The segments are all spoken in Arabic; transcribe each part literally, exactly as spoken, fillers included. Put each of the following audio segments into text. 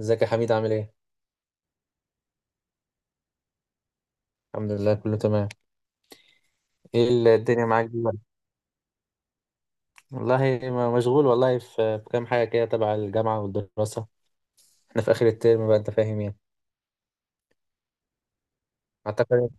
ازيك يا حميد، عامل ايه؟ الحمد لله، كله تمام. ايه ال- الدنيا معاك دي بقى؟ والله ما- مشغول والله في في كام حاجة كده تبع الجامعة والدراسة. احنا في آخر الترم بقى، انت فاهم يعني. اعتقد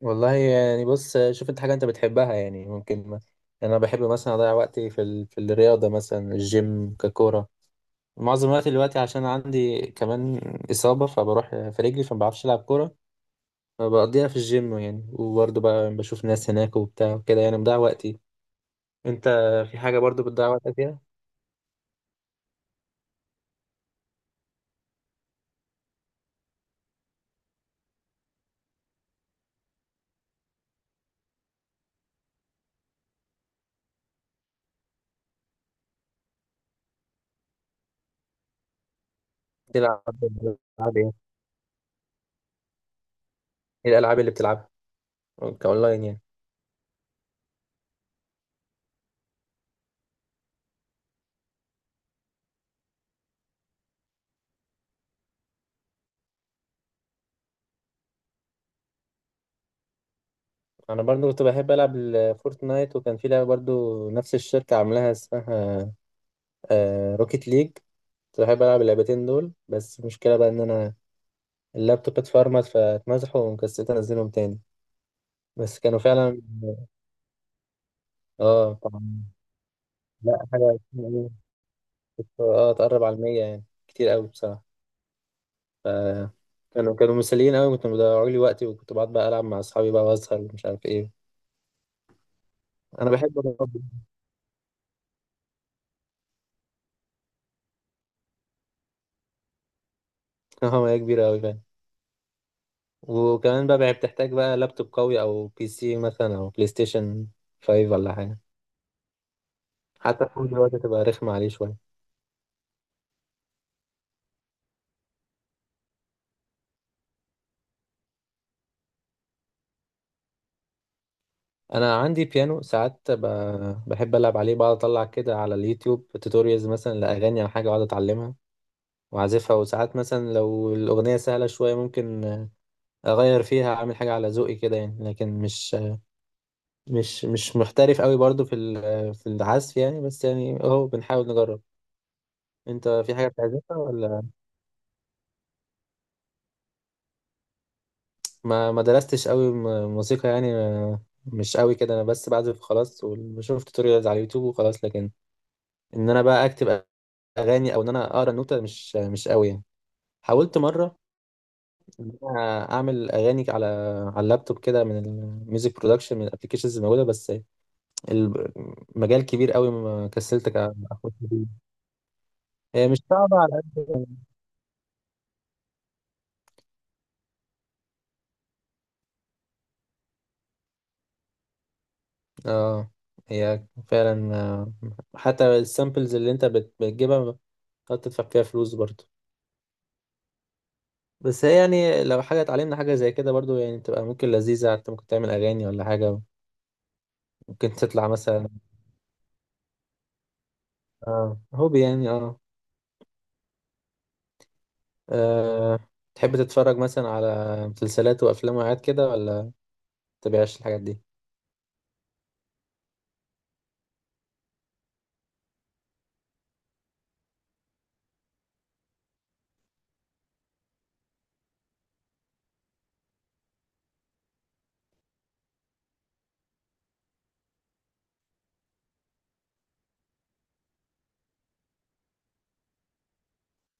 والله يعني بص، شوف انت حاجة انت بتحبها يعني ممكن ما. يعني انا بحب مثلا اضيع وقتي في ال... في الرياضة، مثلا الجيم ككورة، معظم وقتي دلوقتي. عشان عندي كمان إصابة فبروح في رجلي، فما بعرفش ألعب كورة، فبقضيها في الجيم يعني. وبرضه بقى بشوف ناس هناك وبتاع وكده، يعني بضيع وقتي. انت في حاجة برضه بتضيع وقتك فيها؟ بتلعب بتلعب ايه؟ ايه الالعاب اللي بتلعبها؟ كاونلاين يعني؟ انا برضو كنت بحب العب الفورتنايت، وكان في لعبه برضو نفس الشركه عاملاها، اسمها آه روكيت ليج. كنت بحب العب اللعبتين دول، بس المشكله بقى ان انا اللابتوب اتفرمت فاتمسحوا وكسلت انزلهم تاني. بس كانوا فعلا. اه طبعا. لا، حاجه اسمها إيه؟ كنت- اه تقرب على المية يعني، كتير قوي بصراحه. ف كانوا كانوا مسليين قوي، كنت مضيعوا لي وقتي، وكنت بقعد بقى العب مع اصحابي بقى واسهر ومش عارف ايه. انا بحب اه، هي كبيرة أوي فعلا. وكمان بقى بقى بتحتاج بقى لابتوب قوي، أو بي سي مثلا، أو بلاي ستيشن خمسة ولا حاجة. حتى الفون دلوقتي تبقى رخمة عليه شوية. أنا عندي بيانو، ساعات ب- بحب ألعب عليه، بقعد أطلع كده على اليوتيوب توتوريالز مثلا لأغاني أو حاجة، وأقعد أتعلمها وأعزفها. وساعات مثلا لو الأغنية سهلة شوية، ممكن أغير فيها أعمل حاجة على ذوقي كده يعني، لكن مش مش مش محترف أوي برضو في ال- في العزف يعني، بس يعني أهو بنحاول نجرب. أنت في حاجة بتعزفها ولا؟ ما ما درستش قوي م- موسيقى يعني، ما- مش قوي كده، انا بس بعزف خلاص، وشفت توتوريالز على اليوتيوب وخلاص. لكن ان انا بقى اكتب اغاني، او ان انا اقرا النوتة، مش مش قوي يعني. حاولت مره ان انا اعمل اغاني على على اللابتوب كده، من الميوزك برودكشن، من الابلكيشنز الموجوده. بس المجال كبير قوي، ما كسلت كا- اخش فيه. هي مش صعبه على قد. اه هي فعلا، آه، حتى السامبلز اللي انت بت- بتجيبها، تقعد تدفع فيها فلوس برضه. بس هي يعني لو حاجة اتعلمنا حاجة زي كده برضو، يعني تبقى ممكن لذيذة، انت ممكن تعمل أغاني ولا حاجة. ممكن تطلع مثلا. اه، هوبي يعني، اه. آه، تحب تتفرج مثلا على مسلسلات وأفلام وحاجات كده، ولا متبقاش الحاجات دي؟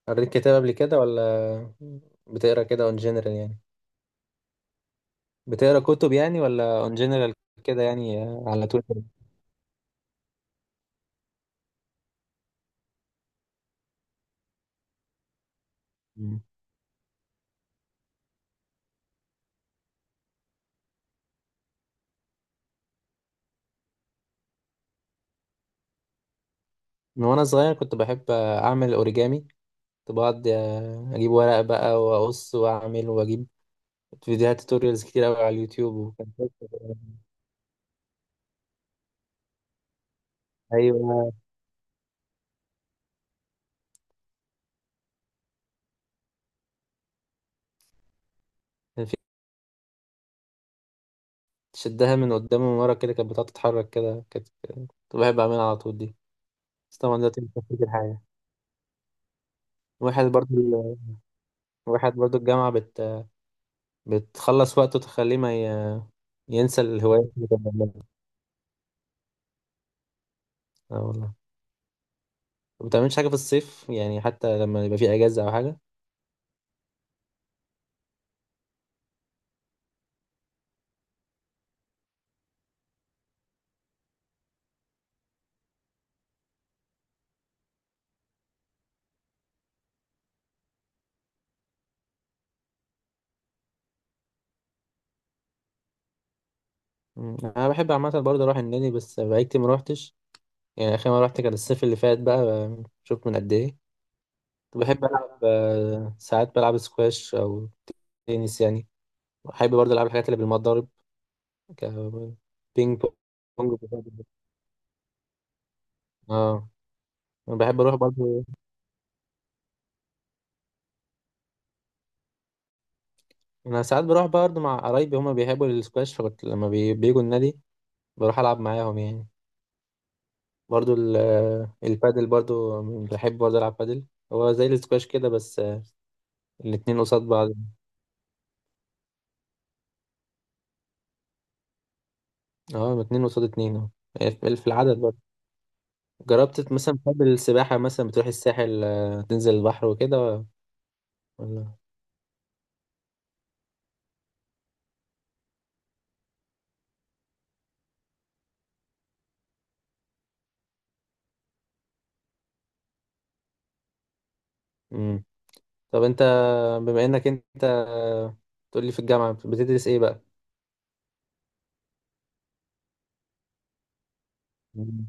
قريت كتاب قبل كده، ولا بتقرا كده اون جنرال يعني؟ بتقرا كتب يعني، ولا اون جنرال كده يعني، آه، على طول كده؟ مم. من وأنا صغير، كنت بحب آه، أعمل أوريجامي. كنت بقعد آه، أجيب ورق بقى وأقص وأعمل، وأجيب فيديوهات توتوريالز كتير قوي على اليوتيوب وكان فيها- ايوه. كان في شدها من قدام ومن ورا كده، كانت بتقعد تتحرك كده، كانت كنت بحب اعملها على طول دي. بس طبعا دلوقتي مش فاكر حاجه. واحد برضو ال- واحد برضو الجامعه بت... بتخلص وقته، تخليه ما ي... ينسى الهوايات اللي كان بيعملها. اه والله، ما بتعملش حاجه في الصيف يعني، حتى لما يبقى في اجازه او حاجه؟ مم. انا بحب عامه برضو اروح النادي، بس بقالي كتير ما روحتش. يعني اخر مره رحت كان الصيف اللي فات بقى، شوف من قد ايه. كنت بحب العب آه، ساعات بلعب سكواش او تنس يعني. بحب برضه العب الحاجات اللي بالمضارب، ك بينج بونج، اه. انا بحب اروح برضه، انا ساعات بروح برضه مع قرايبي، هما بيحبوا السكواش، فكنت لما بي... بيجوا النادي بروح العب معاهم يعني. برضه ال... البادل برضه، بحب برضه العب بادل. هو زي السكواش كده، بس آه، الاتنين قصاد بعض. اه، اتنين قصاد اتنين، اه. في في العدد برضه. جربت مثلا، بتحب السباحة مثلا؟ بتروح الساحل آه، تنزل البحر وكده، ولا؟ مم. طب انت، بما انك انت تقول لي، في الجامعة بتدرس ايه بقى؟ مم.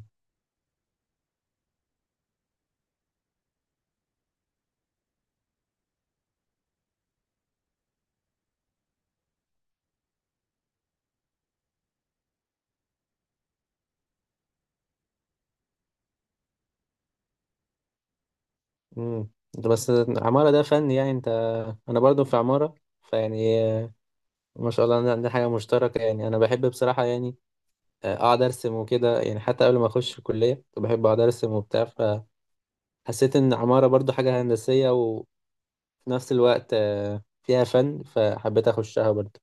امم انت بس، عمارة ده فن يعني؟ انت، انا برضو في عمارة فيعني، ما شاء الله، عندنا عندنا حاجة مشتركة يعني. انا بحب بصراحة يعني اقعد ارسم وكده يعني، حتى قبل ما اخش الكلية كنت بحب اقعد ارسم وبتاع. فحسيت ان عمارة برضو حاجة هندسية، وفي نفس الوقت آه، فيها فن، فحبيت اخشها برضو.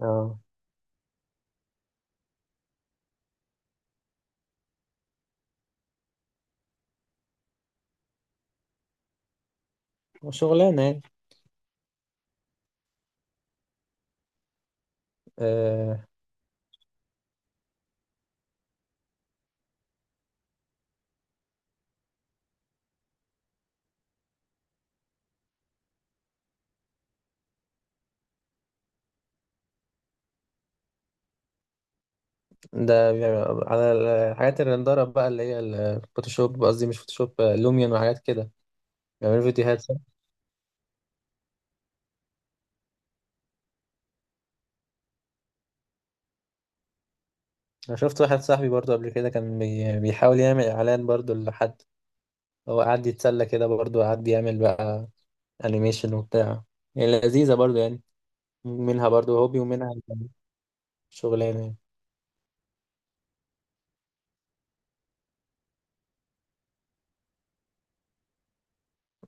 اه، شغلانة يعني. ده بيبقى على الحاجات الرندرة بقى، اللي هي الفوتوشوب، قصدي مش فوتوشوب، لوميون وحاجات كده. بيعملوا فيديوهات صح؟ أنا شفت واحد صاحبي برضو قبل كده، كان بي- بيحاول يعمل إعلان برضو لحد. هو قعد يتسلى كده برضو، قعد يعمل بقى أنيميشن وبتاع، يعني لذيذة برضو يعني، منها برضو هوبي ومنها شغلانة يعني.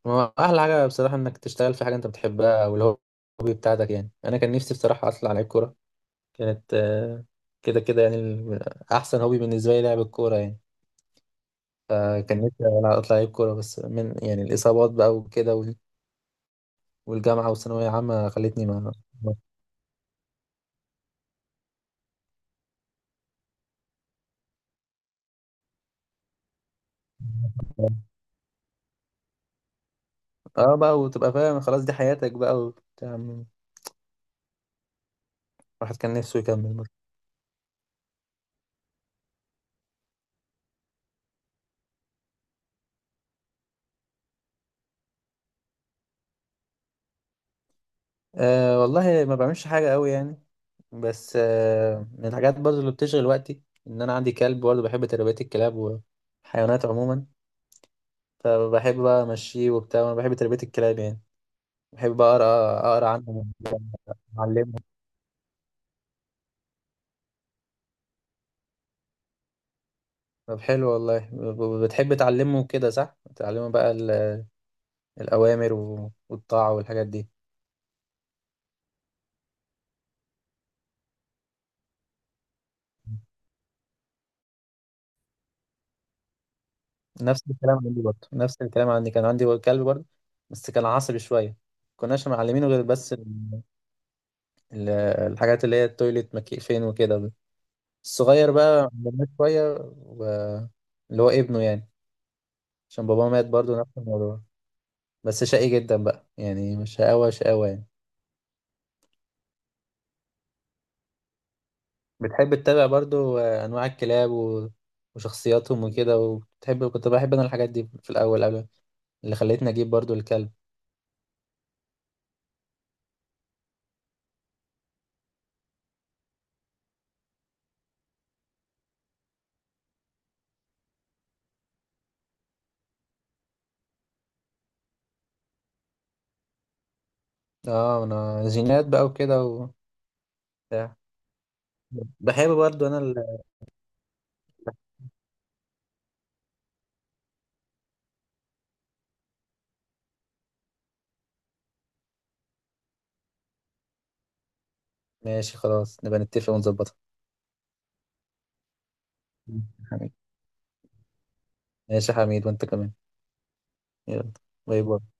هو أحلى حاجة بصراحة إنك تشتغل في حاجة أنت بتحبها، أو الهوبي بتاعتك يعني. أنا كان نفسي بصراحة أطلع لعيب كورة، كانت آه، كده كده يعني ال- أحسن هوبي بالنسبة لي لعب الكورة يعني. فكان نفسي ألعب- أطلع لعيب كورة، بس من يعني الإصابات بقى وكده وال- والجامعة والثانوية عامة خلتني ما ما- اه بقى، وتبقى فاهم خلاص دي حياتك بقى وبتاع. الواحد كان نفسه يكمل برضه. آه والله ما بعملش حاجة قوي يعني. بس آه من الحاجات برضه اللي بتشغل وقتي، إن أنا عندي كلب برضه، بحب تربية الكلاب والحيوانات عموما. فبحب بقى أمشيه وبتاع، وأنا بحب تربية الكلاب يعني. بحب بقى أقرأ أقرأ عنهم وأعلمهم. طب حلو والله. ب- ب- بتحب تعلمه كده صح؟ تعلمه بقى ال- الأوامر و- والطاعة والحاجات دي. نفس الكلام عندي برضه نفس الكلام عندي، كان عندي كلب برضه، بس كان عصبي شوية. كناش معلمينه غير بس ال- ال- الحاجات اللي هي التويليت مكي فين وكده. الصغير بقى عملناه شوية و... اللي هو ابنه يعني، عشان باباه مات برضه نفس الموضوع. بس شقي جدا بقى، يعني مش شقاوة شقاوة يعني. بتحب تتابع برضو آه، انواع الكلاب و... وشخصياتهم وكده؟ وبتحب، كنت بحب انا الحاجات دي في الاول، قبل اللي خلتني اجيب برضو الكلب. اه انا، جينات بقى وكده وبتاع. بحب برضو انا ال... ماشي، خلاص نبقى نتفق ونظبطها. ماشي يا حميد، وانت كمان. يلا. باي باي.